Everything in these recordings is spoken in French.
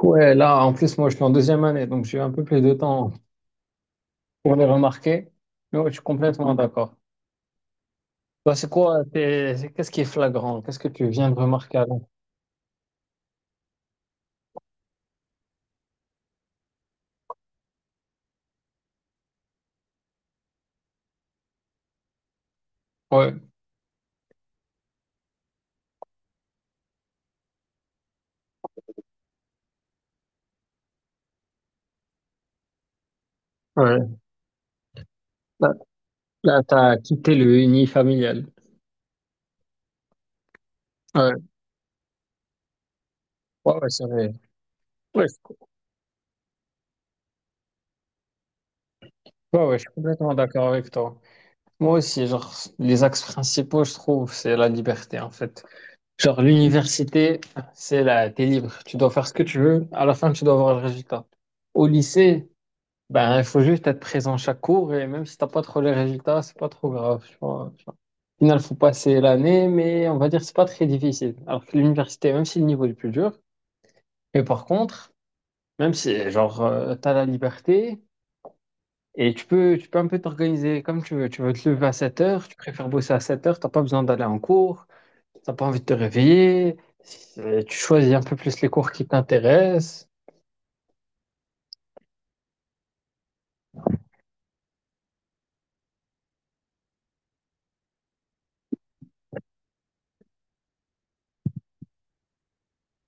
Ouais, là, en plus, moi, je suis en deuxième année, donc j'ai un peu plus de temps pour les remarquer. Mais ouais, je suis complètement d'accord. Bah, c'est quoi, qu'est-ce qui est flagrant? Qu'est-ce que tu viens de remarquer avant? Ouais, ouais. Là, là, t'as quitté le uni familial. Ouais, ouais, ouais, c'est vrai. Ouais, je ouais, ouais, je suis complètement d'accord avec toi. Moi aussi, genre, les axes principaux, je trouve, c'est la liberté, en fait. Genre, l'université, c'est là, t'es libre. Tu dois faire ce que tu veux. À la fin, tu dois avoir le résultat. Au lycée, ben, il faut juste être présent chaque cours et même si t'as pas trop les résultats, c'est pas trop grave. Tu vois, tu vois. Au final, faut passer l'année, mais on va dire que c'est pas très difficile. Alors que l'université, même si le niveau est plus dur, mais par contre, même si genre t'as la liberté et tu peux un peu t'organiser comme tu veux. Tu veux te lever à 7 heures, tu préfères bosser à 7 heures, t'as pas besoin d'aller en cours, t'as pas envie de te réveiller, tu choisis un peu plus les cours qui t'intéressent.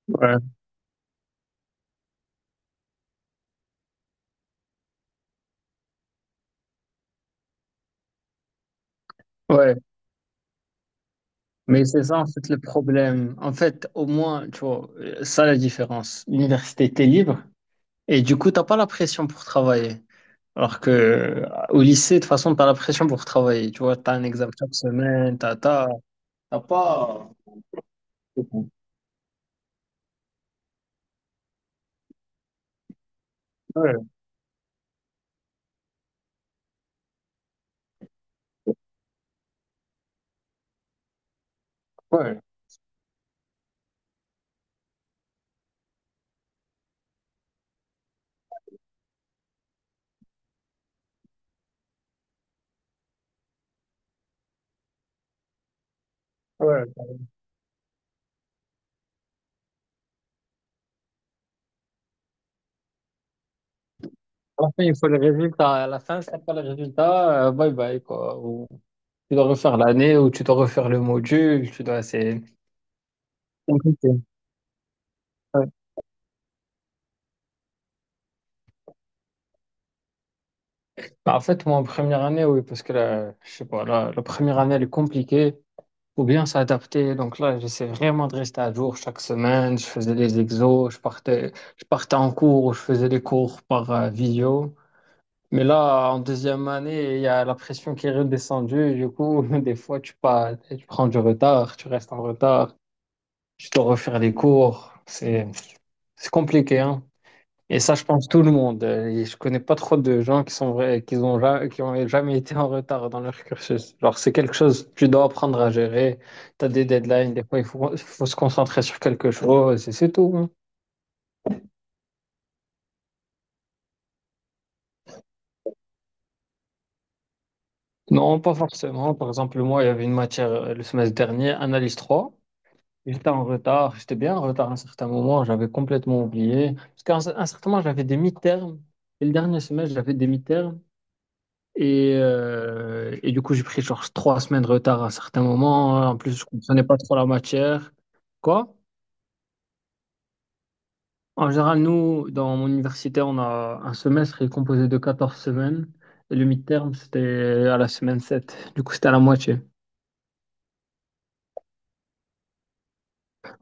Ouais, ouais. Mais c'est ça en fait le problème. En fait, au moins, tu vois, ça la différence. L'université, t'es libre et du coup, t'as pas la pression pour travailler. Alors que au lycée, de toute façon, t'as la pression pour travailler. Tu vois, t'as un examen chaque semaine, t'as pas. Ouais, ouais, ouais. À la fin, il faut les résultats. À la fin, si t'as pas les résultats, bye bye, quoi. Ou tu dois refaire l'année, ou tu dois refaire le module, tu dois, c'est compliqué. Ouais. Bah, en fait, moi, en première année, oui, parce que je sais pas, la première année, elle est compliquée. Faut bien s'adapter. Donc là, j'essaie vraiment de rester à jour chaque semaine. Je faisais des exos, je partais en cours, ou je faisais des cours par vidéo. Mais là, en deuxième année, il y a la pression qui est redescendue. Du coup, des fois, tu pas, tu prends du retard, tu restes en retard, tu dois refaire les cours. C'est compliqué, hein. Et ça, je pense tout le monde. Et je connais pas trop de gens qui sont vrais, qui ont jamais été en retard dans leur cursus. Genre, c'est quelque chose que tu dois apprendre à gérer. Tu as des deadlines, des fois, il faut se concentrer sur quelque chose et c'est tout. Hein. Non, pas forcément. Par exemple, moi, il y avait une matière le semestre dernier, analyse 3. J'étais en retard. J'étais bien en retard à un certain moment. J'avais complètement oublié. Parce qu'à un certain moment, j'avais des mi-termes. Et le dernier semestre, j'avais des mi-termes. Et du coup, j'ai pris genre 3 semaines de retard à certains moments. En plus, je comprenais pas trop la matière. Quoi? En général, nous, dans mon université, on a un semestre qui est composé de 14 semaines. Et le midterm, c'était à la semaine 7. Du coup, c'était à la moitié.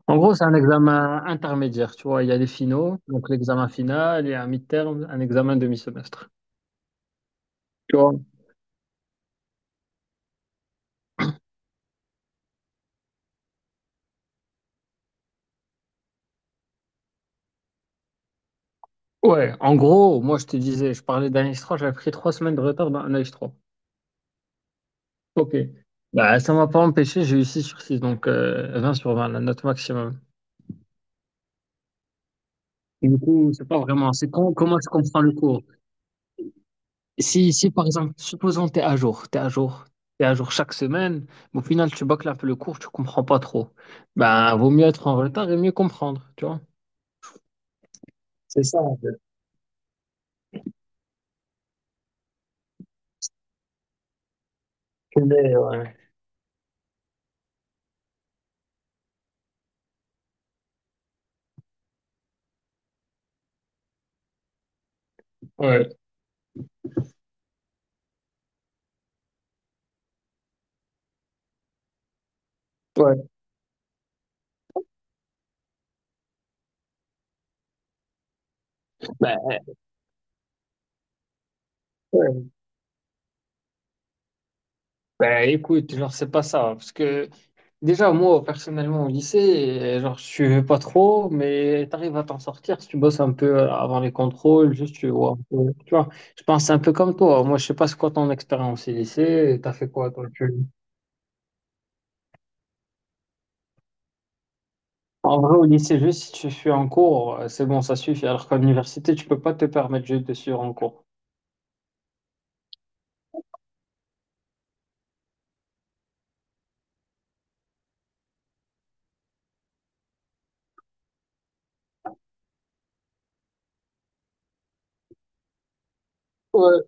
En gros, c'est un examen intermédiaire, tu vois. Il y a les finaux, donc l'examen final, et un midterm, un examen demi-semestre. Tu vois? Ouais, en gros, moi, je te disais, je parlais d'un 3. J'avais pris 3 semaines de retard dans un 3. Ok. Bah, ça m'a pas empêché, j'ai eu 6/6, donc 20 sur vingt, la note maximum. Et du coup, c'est pas vraiment, comment est comprends le cours? Si, par exemple, supposons que tu es à jour, tu es à jour, tu à jour chaque semaine, mais au final, tu bâcles un peu le cours, tu comprends pas trop. Ben vaut mieux être en retard et mieux comprendre, tu vois? C'est ça, en fait. Mais, ouais. Ouais, ouais. Bah, ouais. Bah, écoute, genre, c'est pas ça, parce que déjà, moi, personnellement, au lycée, genre, je suivais pas trop, mais t'arrives à t'en sortir si tu bosses un peu avant les contrôles, juste, tu vois, tu vois, je pense c'est un peu comme toi. Moi, je sais pas c'est quoi ton expérience au lycée, t'as fait quoi, toi, tu... En vrai, au lycée, juste si tu suis en cours, c'est bon, ça suffit, alors qu'à l'université, tu peux pas te permettre juste de suivre en cours. Ouais.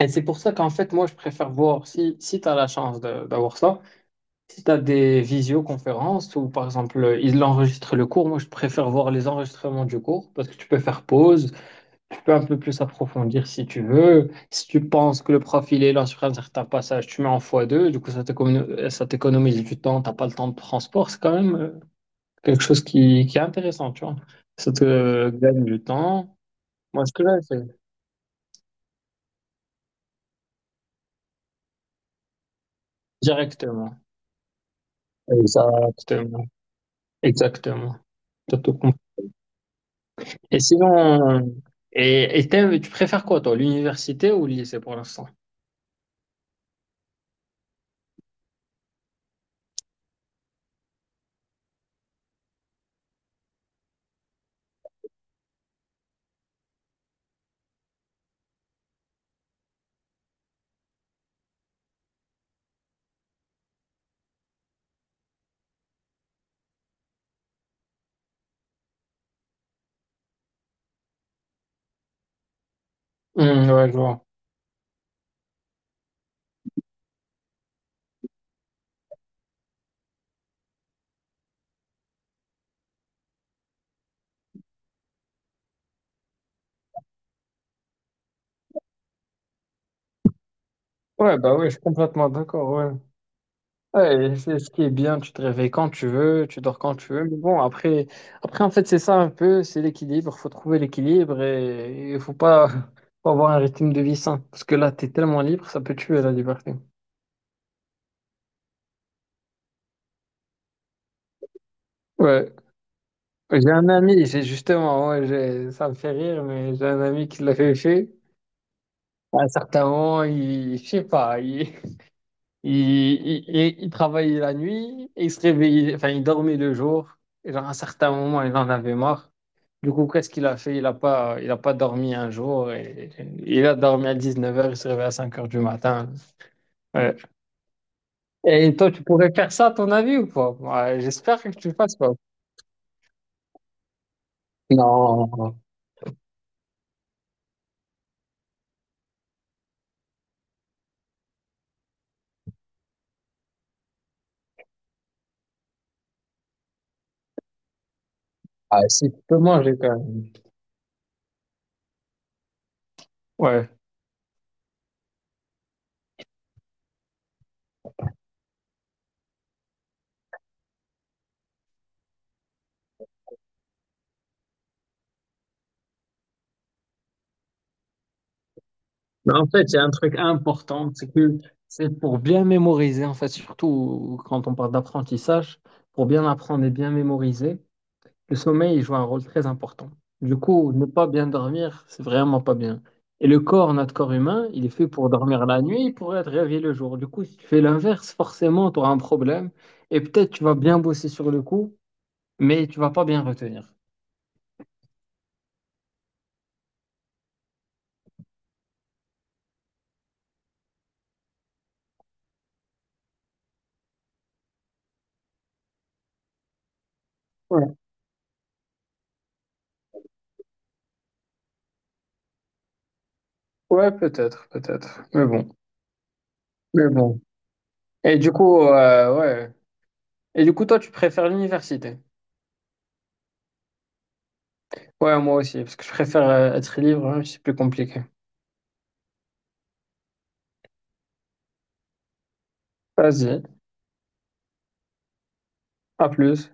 Et c'est pour ça qu'en fait, moi, je préfère voir si t'as la chance d'avoir ça. Si tu as des visioconférences ou par exemple, ils enregistrent le cours, moi je préfère voir les enregistrements du cours parce que tu peux faire pause, tu peux un peu plus approfondir si tu veux. Si tu penses que le prof il est là sur un certain passage, tu mets en x2, du coup ça t'économise du temps, t'as pas le temps de transport, c'est quand même quelque chose qui est intéressant, tu vois. Ça te gagne du temps. Moi, ce que j'avais fait directement. Exactement. Exactement. T'as tout compris. Et sinon, tu préfères quoi, toi, l'université ou le lycée pour l'instant? Ouais, je vois. Ouais, bah ouais, je suis complètement d'accord, ouais. Ouais, et c'est ce qui est bien, tu te réveilles quand tu veux, tu dors quand tu veux. Mais bon, après, après en fait, c'est ça un peu, c'est l'équilibre, faut trouver l'équilibre et il faut pas, faut avoir un rythme de vie sain. Parce que là, t'es tellement libre, ça peut tuer la liberté. Ouais. J'ai un ami, j'ai justement, ouais, j'ai, ça me fait rire, mais j'ai un ami qui l'avait fait. À un certain moment, il, je sais pas, il travaillait la nuit et il se réveillait, enfin, il dormait le jour. Et genre, à un certain moment, il en avait marre. Du coup, qu'est-ce qu'il a fait? Il a pas dormi un jour. Et, il a dormi à 19 heures. Il se réveille à 5 heures du matin. Ouais. Et toi, tu pourrais faire ça, à ton avis, ou pas? Ouais, j'espère que tu le fasses pas. Non. Ah, si tu peux manger quand même. Ouais. Mais en fait, il y a un truc important, c'est que c'est pour bien mémoriser, en fait, surtout quand on parle d'apprentissage, pour bien apprendre et bien mémoriser, le sommeil il joue un rôle très important. Du coup, ne pas bien dormir, c'est vraiment pas bien. Et le corps, notre corps humain, il est fait pour dormir la nuit et pour être réveillé le jour. Du coup, si tu fais l'inverse, forcément, tu auras un problème. Et peut-être tu vas bien bosser sur le coup, mais tu vas pas bien retenir. Ouais, ouais, peut-être, peut-être. Mais bon, mais bon. Et du coup, ouais. Et du coup, toi, tu préfères l'université? Ouais, moi aussi, parce que je préfère être libre, hein, c'est plus compliqué. Vas-y, à plus.